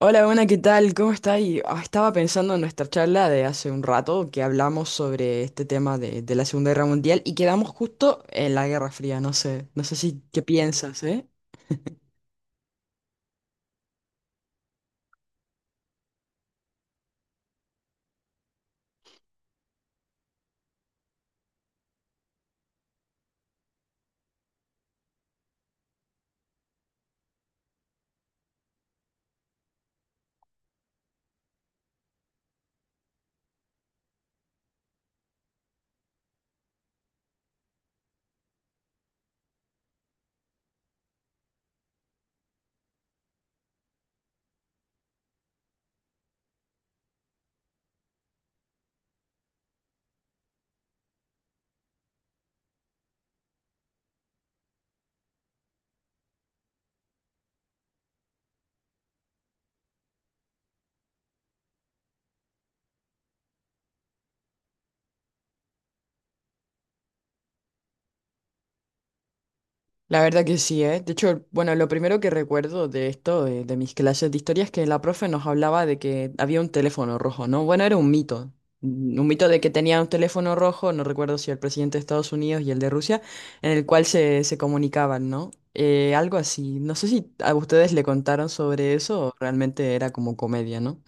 Hola, buena, ¿qué tal? ¿Cómo está? Y estaba pensando en nuestra charla de hace un rato que hablamos sobre este tema de la Segunda Guerra Mundial y quedamos justo en la Guerra Fría. No sé, no sé si qué piensas, ¿eh? La verdad que sí, ¿eh? De hecho, bueno, lo primero que recuerdo de esto, de mis clases de historia, es que la profe nos hablaba de que había un teléfono rojo, ¿no? Bueno, era un mito. Un mito de que tenía un teléfono rojo, no recuerdo si el presidente de Estados Unidos y el de Rusia, en el cual se comunicaban, ¿no? Algo así. No sé si a ustedes le contaron sobre eso o realmente era como comedia, ¿no?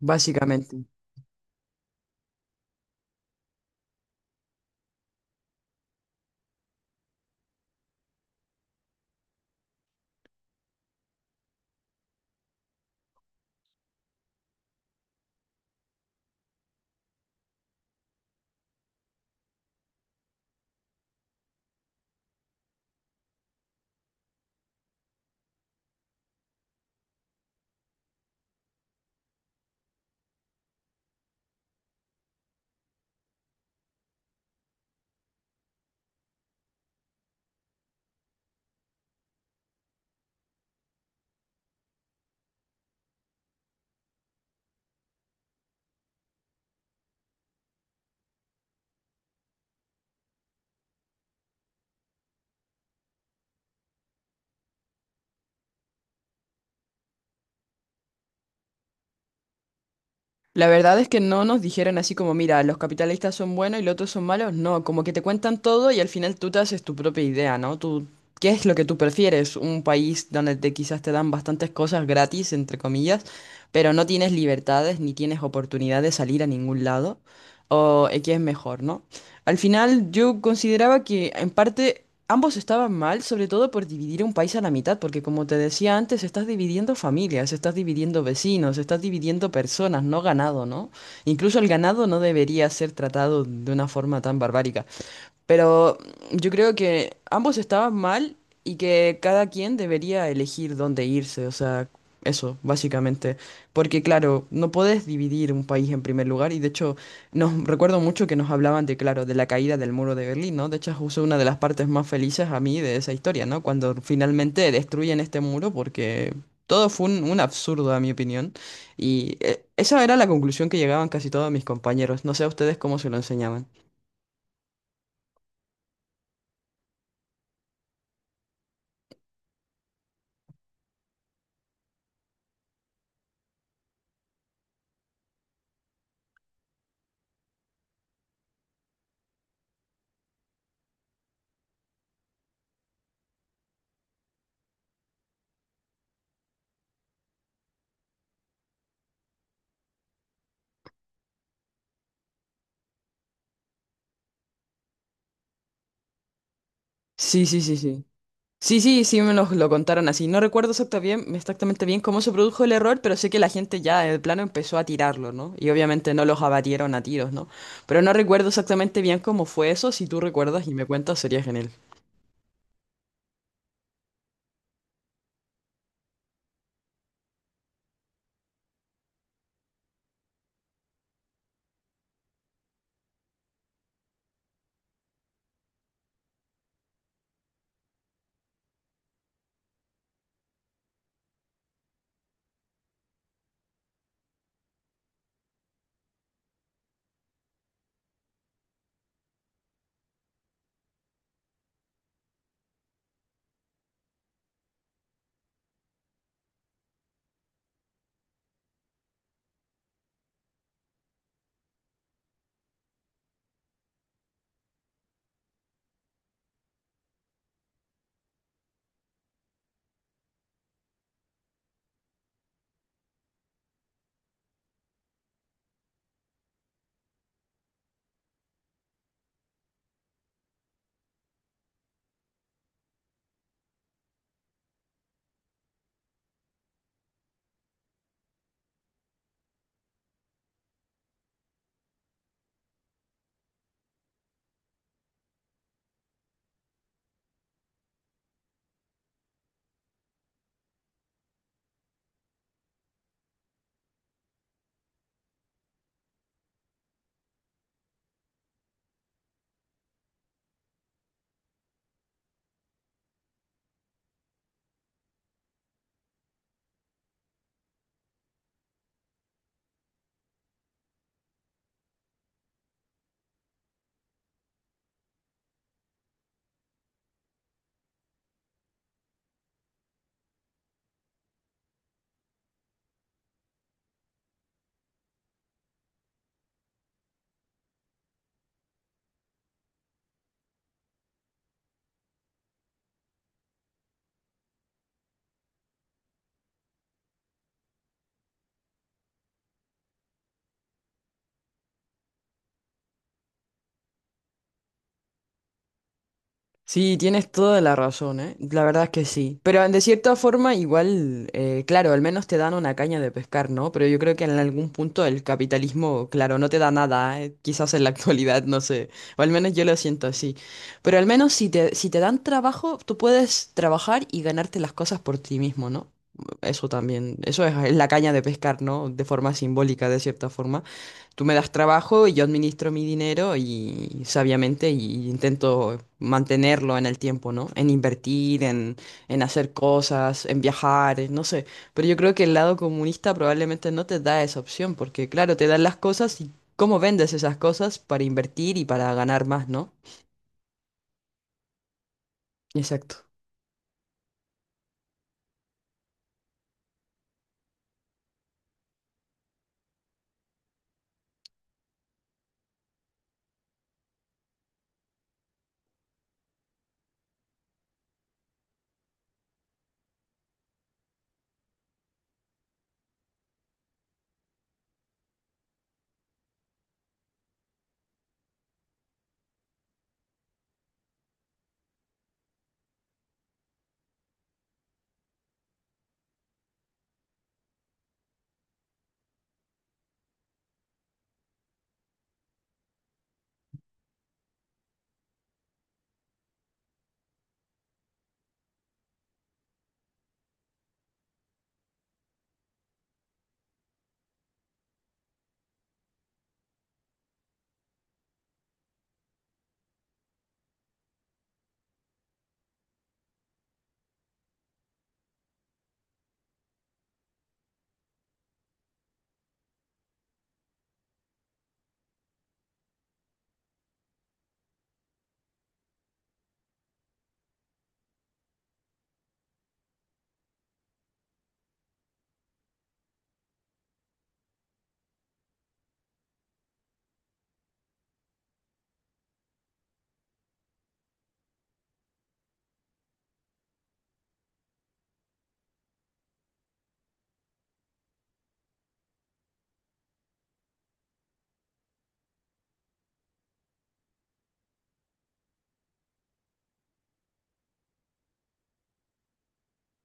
Básicamente. La verdad es que no nos dijeron así como, mira, los capitalistas son buenos y los otros son malos. No, como que te cuentan todo y al final tú te haces tu propia idea, ¿no? Tú, ¿qué es lo que tú prefieres? Un país donde te, quizás te dan bastantes cosas gratis, entre comillas, pero no tienes libertades ni tienes oportunidad de salir a ningún lado. ¿O qué es mejor, no? Al final yo consideraba que en parte ambos estaban mal, sobre todo por dividir un país a la mitad, porque como te decía antes, estás dividiendo familias, estás dividiendo vecinos, estás dividiendo personas, no ganado, ¿no? Incluso el ganado no debería ser tratado de una forma tan barbárica. Pero yo creo que ambos estaban mal y que cada quien debería elegir dónde irse, o sea, eso, básicamente. Porque claro, no podés dividir un país en primer lugar y de hecho, nos recuerdo mucho que nos hablaban de, claro, de la caída del muro de Berlín, ¿no? De hecho, es justo una de las partes más felices a mí de esa historia, ¿no? Cuando finalmente destruyen este muro porque… Todo fue un absurdo, a mi opinión. Y esa era la conclusión que llegaban casi todos mis compañeros. No sé a ustedes cómo se lo enseñaban. Sí, sí, sí, sí. Sí, sí, sí, me los lo contaron así. No recuerdo exactamente bien cómo se produjo el error, pero sé que la gente ya en plano empezó a tirarlo, ¿no? Y obviamente no los abatieron a tiros, ¿no? Pero no recuerdo exactamente bien cómo fue eso. Si tú recuerdas y me cuentas, sería genial. Sí, tienes toda la razón, ¿eh? La verdad es que sí. Pero de cierta forma, igual, claro, al menos te dan una caña de pescar, ¿no? Pero yo creo que en algún punto el capitalismo, claro, no te da nada, ¿eh? Quizás en la actualidad, no sé. O al menos yo lo siento así. Pero al menos si te dan trabajo, tú puedes trabajar y ganarte las cosas por ti mismo, ¿no? Eso también. Eso es la caña de pescar, ¿no? De forma simbólica, de cierta forma. Tú me das trabajo y yo administro mi dinero y sabiamente y intento mantenerlo en el tiempo, ¿no? En invertir, en hacer cosas, en viajar, no sé. Pero yo creo que el lado comunista probablemente no te da esa opción, porque claro, te dan las cosas y cómo vendes esas cosas para invertir y para ganar más, ¿no? Exacto.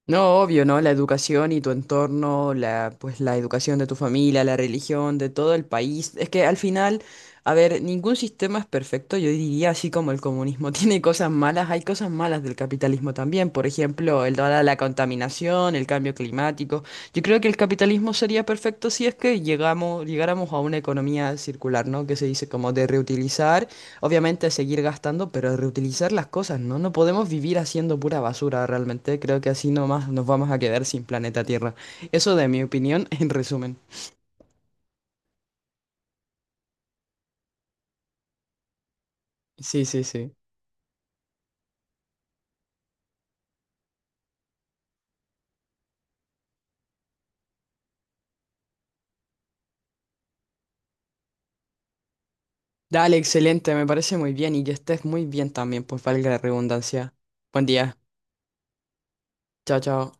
No, obvio, ¿no? La educación y tu entorno, la, pues la educación de tu familia, la religión, de todo el país. Es que al final, a ver, ningún sistema es perfecto. Yo diría, así como el comunismo tiene cosas malas, hay cosas malas del capitalismo también. Por ejemplo, el toda la contaminación, el cambio climático. Yo creo que el capitalismo sería perfecto si es que llegáramos a una economía circular, ¿no? Que se dice como de reutilizar. Obviamente seguir gastando, pero reutilizar las cosas, ¿no? No podemos vivir haciendo pura basura realmente. Creo que así nomás nos vamos a quedar sin planeta Tierra. Eso de mi opinión, en resumen. Sí, sí, sí. Dale, excelente, me parece muy bien y que estés muy bien también, pues valga la redundancia. Buen día. Chao, chao.